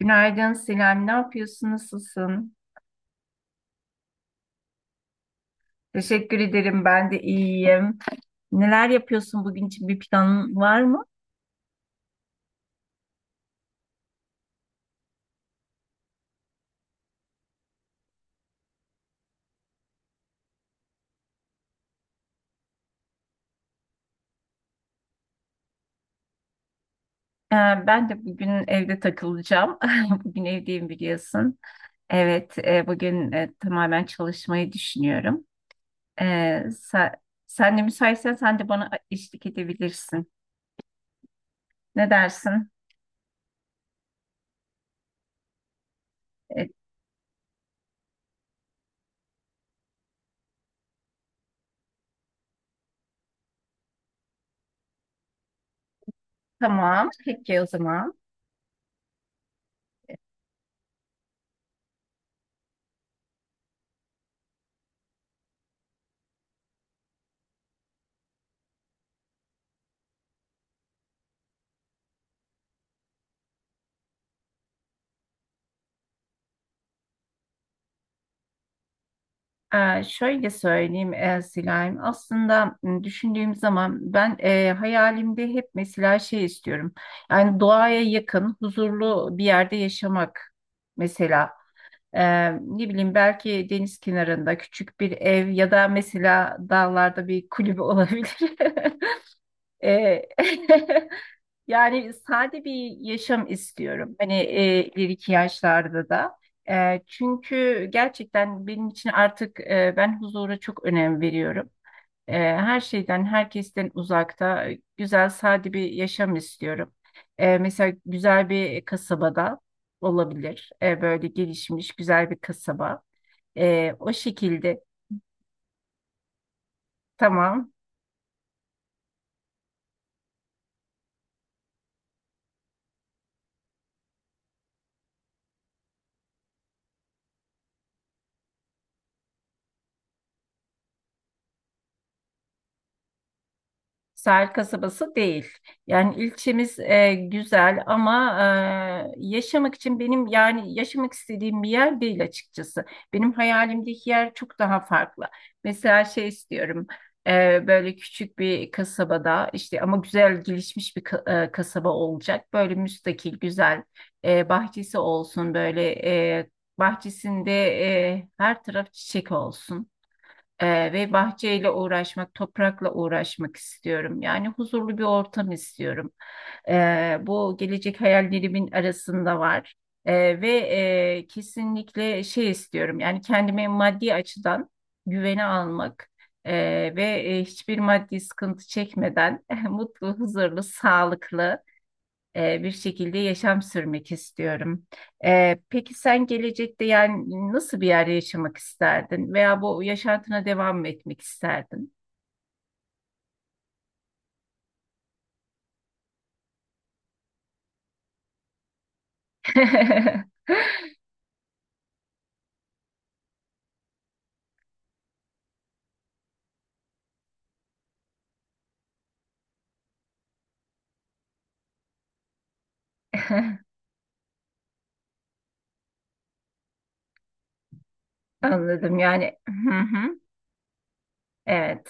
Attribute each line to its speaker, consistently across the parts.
Speaker 1: Günaydın Sinem, ne yapıyorsun, nasılsın? Teşekkür ederim, ben de iyiyim. Neler yapıyorsun bugün için bir planın var mı? Ee, ben de bugün evde takılacağım. Bugün evdeyim biliyorsun. Evet, bugün tamamen çalışmayı düşünüyorum. Ee, sen, sen de müsaitsen sen de bana eşlik edebilirsin. Ne dersin? E, tamam. Peki o zaman. E, Şöyle söyleyeyim, Silayim. Aslında, düşündüğüm zaman ben, hayalimde hep mesela şey istiyorum. Yani doğaya yakın, huzurlu bir yerde yaşamak mesela. Ne bileyim, belki deniz kenarında küçük bir ev ya da mesela dağlarda bir kulübe olabilir. Ee, Yani sade bir yaşam istiyorum. Hani, ileriki yaşlarda da. Çünkü gerçekten benim için artık, ben huzura çok önem veriyorum. Her şeyden, herkesten uzakta güzel, sade bir yaşam istiyorum. Mesela güzel bir kasabada olabilir. Böyle gelişmiş, güzel bir kasaba. O şekilde. Tamam. Sahil kasabası değil. Yani ilçemiz, güzel ama, yaşamak için benim, yani yaşamak istediğim bir yer değil açıkçası. Benim hayalimdeki yer çok daha farklı. Mesela şey istiyorum, böyle küçük bir kasabada işte, ama güzel gelişmiş bir kasaba olacak. Böyle müstakil, güzel, bahçesi olsun, böyle, e, bahçesinde, her taraf çiçek olsun. Ve bahçeyle uğraşmak, toprakla uğraşmak istiyorum. Yani huzurlu bir ortam istiyorum. Bu gelecek hayallerimin arasında var. Ee, ve Kesinlikle şey istiyorum. Yani kendime maddi açıdan güvene almak, e, ve hiçbir maddi sıkıntı çekmeden mutlu, huzurlu, sağlıklı, bir şekilde yaşam sürmek istiyorum. Peki sen gelecekte, yani nasıl bir yerde yaşamak isterdin veya bu yaşantına devam mı etmek isterdin? Anladım yani. Hı hı. Evet.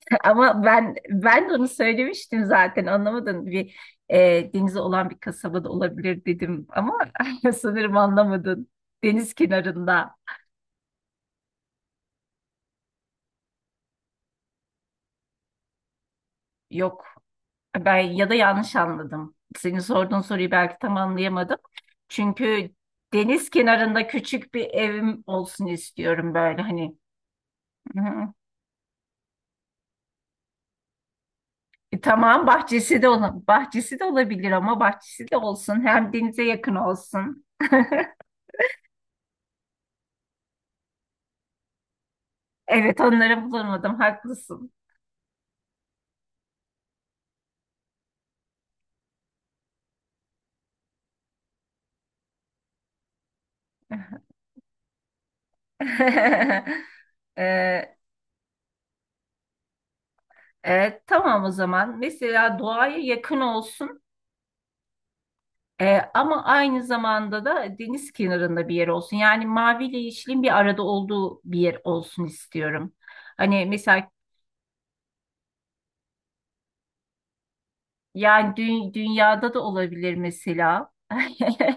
Speaker 1: Ama ben de onu söylemiştim zaten, anlamadın. Bir, denize olan bir kasabada olabilir dedim ama sanırım anlamadın. Deniz kenarında. Yok. Ben, ya da yanlış anladım. Senin sorduğun soruyu belki tam anlayamadım. Çünkü deniz kenarında küçük bir evim olsun istiyorum, böyle hani. Hı. Hı. Tamam, bahçesi de olabilir ama bahçesi de olsun, hem denize yakın olsun. Evet, onları bulamadım, haklısın. Ee, evet, tamam o zaman. Mesela doğaya yakın olsun. Ama aynı zamanda da deniz kenarında bir yer olsun. Yani maviyle yeşilin bir arada olduğu bir yer olsun istiyorum. Hani mesela, yani dünyada da olabilir mesela.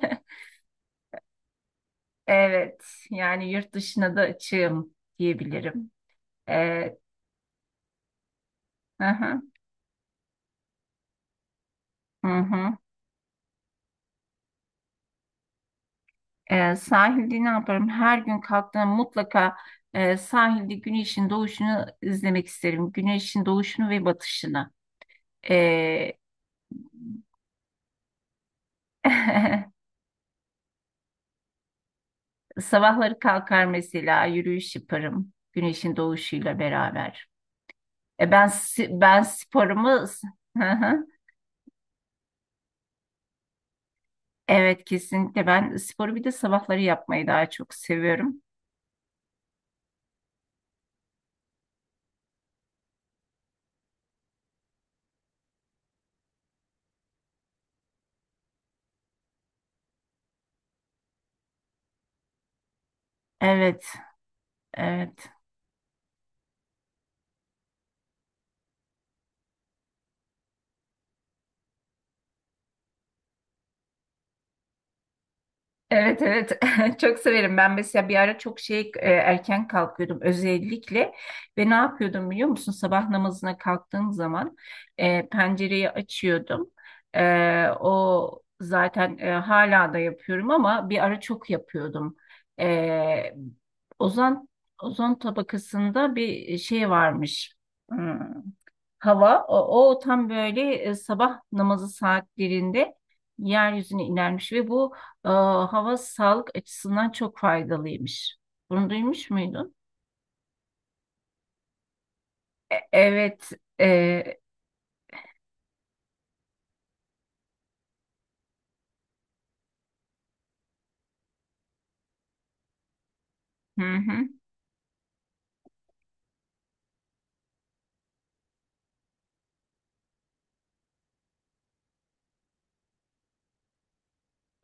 Speaker 1: Evet, yani yurt dışına da açığım diyebilirim. E, hı hı, hı hı. Sahilde ne yaparım? Her gün kalktığımda mutlaka, sahilde güneşin doğuşunu izlemek isterim. Güneşin doğuşunu ve batışını. E, Sabahları kalkar, mesela yürüyüş yaparım güneşin doğuşuyla beraber. Ben sporumu Hı hı. Evet, kesinlikle ben sporu bir de sabahları yapmayı daha çok seviyorum. Evet. Evet. Evet, evet. Çok severim ben. Mesela bir ara çok şey, erken kalkıyordum özellikle, ve ne yapıyordum biliyor musun? Sabah namazına kalktığım zaman, pencereyi açıyordum. O zaten, hala da yapıyorum ama bir ara çok yapıyordum. E, ozon ozon tabakasında bir şey varmış, Hmm hava o tam böyle, sabah namazı saatlerinde yeryüzüne inermiş, ve bu, hava sağlık açısından çok faydalıymış. Bunu duymuş muydun? Evet. e, hı hı,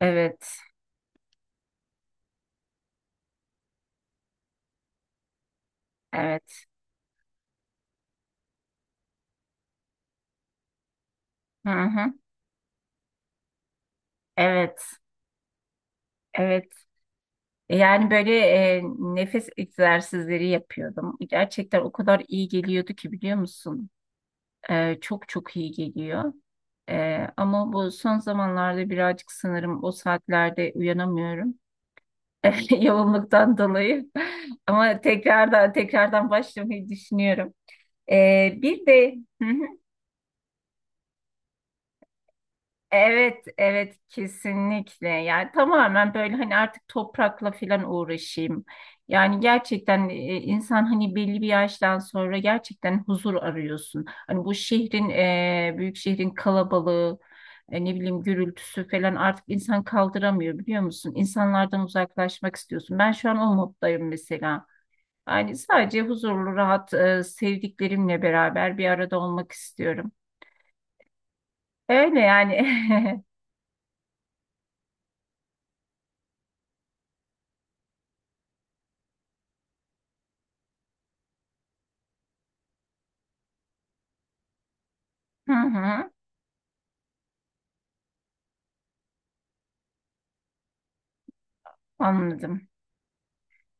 Speaker 1: evet. Evet. Hı hı, evet. Evet. Yani böyle, nefes egzersizleri yapıyordum. Gerçekten o kadar iyi geliyordu ki, biliyor musun? Çok çok iyi geliyor. Ama bu son zamanlarda birazcık sanırım o saatlerde uyanamıyorum. Yoğunluktan dolayı. Ama tekrardan tekrardan başlamayı düşünüyorum. Bir de evet, evet, kesinlikle. Yani tamamen böyle, hani artık toprakla falan uğraşayım. Yani gerçekten, insan hani belli bir yaştan sonra gerçekten huzur arıyorsun. Hani bu şehrin, büyük şehrin kalabalığı, ne bileyim gürültüsü falan, artık insan kaldıramıyor, biliyor musun? İnsanlardan uzaklaşmak istiyorsun. Ben şu an o moddayım mesela. Yani sadece huzurlu, rahat, sevdiklerimle beraber bir arada olmak istiyorum. Öyle yani. Hı hı. Anladım.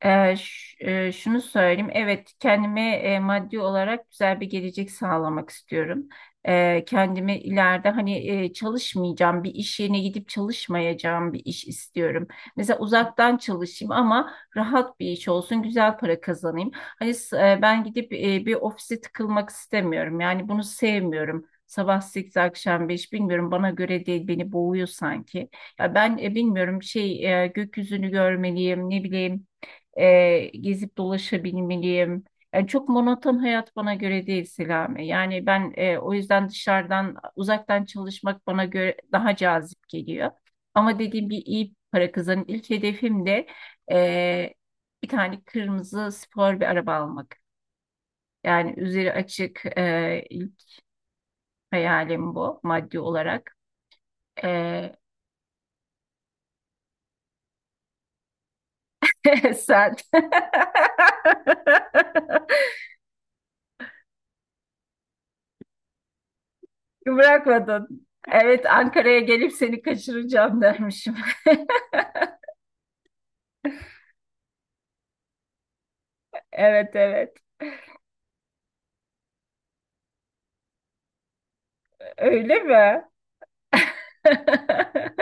Speaker 1: Şunu söyleyeyim. Evet, kendime, maddi olarak güzel bir gelecek sağlamak istiyorum. Kendimi ileride, hani, çalışmayacağım, bir iş yerine gidip çalışmayacağım bir iş istiyorum. Mesela uzaktan çalışayım, ama rahat bir iş olsun, güzel para kazanayım. Ben gidip, bir ofise tıkılmak istemiyorum. Yani bunu sevmiyorum. Sabah 8, akşam 5, bilmiyorum, bana göre değil, beni boğuyor sanki. Ya ben, bilmiyorum şey, gökyüzünü görmeliyim, ne bileyim, gezip dolaşabilmeliyim. Yani çok monoton hayat bana göre değil, Selami. Yani ben, o yüzden dışarıdan uzaktan çalışmak bana göre daha cazip geliyor. Ama dediğim gibi iyi para kazanın. İlk hedefim de, e, bir tane kırmızı spor bir araba almak. Yani üzeri açık, ilk hayalim bu maddi olarak. E, Sen. Bırakmadın. Evet, Ankara'ya gelip seni kaçıracağım dermişim. Evet, evet. Öyle mi?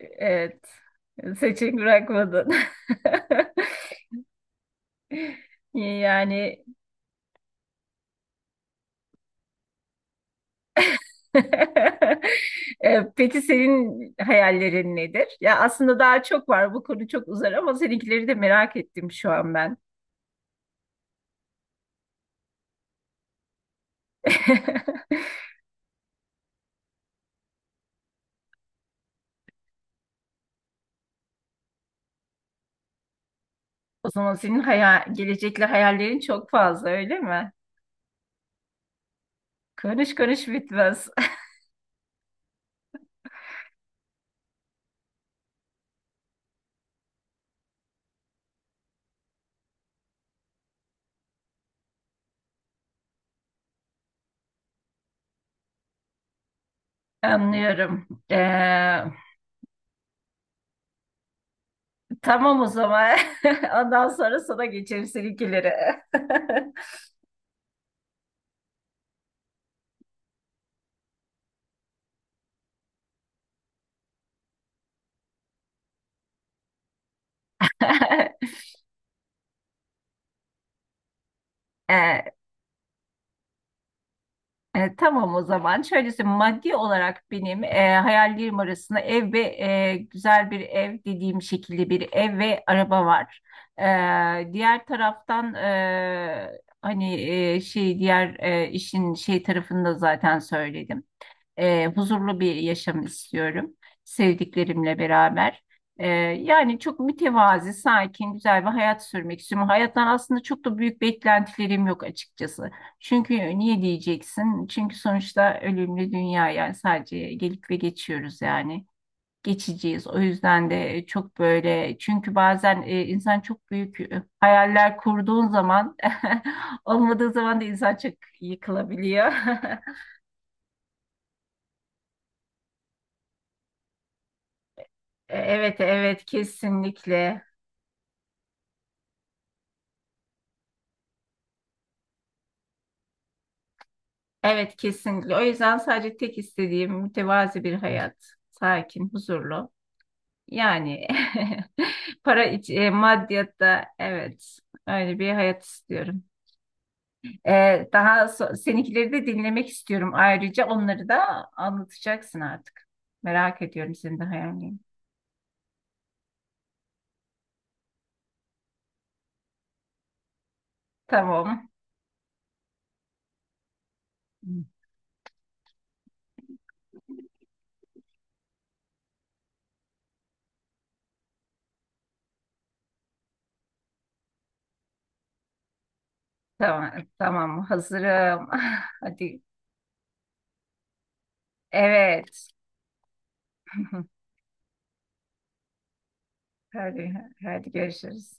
Speaker 1: Evet. Seçim bırakmadın. Yani. Peki senin hayallerin nedir? Ya aslında daha çok var. Bu konu çok uzar, ama seninkileri de merak ettim şu an ben. O zaman senin hayal, gelecekle hayallerin çok fazla, öyle mi? Konuş konuş bitmez. Anlıyorum. Tamam o zaman. Ondan sonra sana geçerim seninkileri. Ee, tamam o zaman. Şöylesi, maddi olarak benim, hayallerim arasında ev ve, güzel bir ev dediğim şekilde bir ev ve araba var. Diğer taraftan, hani, şey, diğer, işin şey tarafını da zaten söyledim. Huzurlu bir yaşam istiyorum, sevdiklerimle beraber. Yani çok mütevazi, sakin, güzel bir hayat sürmek istiyorum. Hayattan aslında çok da büyük beklentilerim yok, açıkçası. Çünkü niye diyeceksin? Çünkü sonuçta ölümlü dünya, yani sadece gelip ve geçiyoruz yani. Geçeceğiz. O yüzden de çok böyle, çünkü bazen, insan çok büyük, hayaller kurduğun zaman olmadığı zaman da insan çok yıkılabiliyor. Evet, evet, kesinlikle. Evet, kesinlikle. O yüzden sadece tek istediğim mütevazi bir hayat. Sakin, huzurlu. Yani maddiyatta, evet, öyle bir hayat istiyorum. E, Daha seninkileri de dinlemek istiyorum. Ayrıca onları da anlatacaksın artık. Merak ediyorum senin de hayalini. Tamam. Tamam, tamam. Hazırım. Hadi. Evet. Hadi, hadi görüşürüz.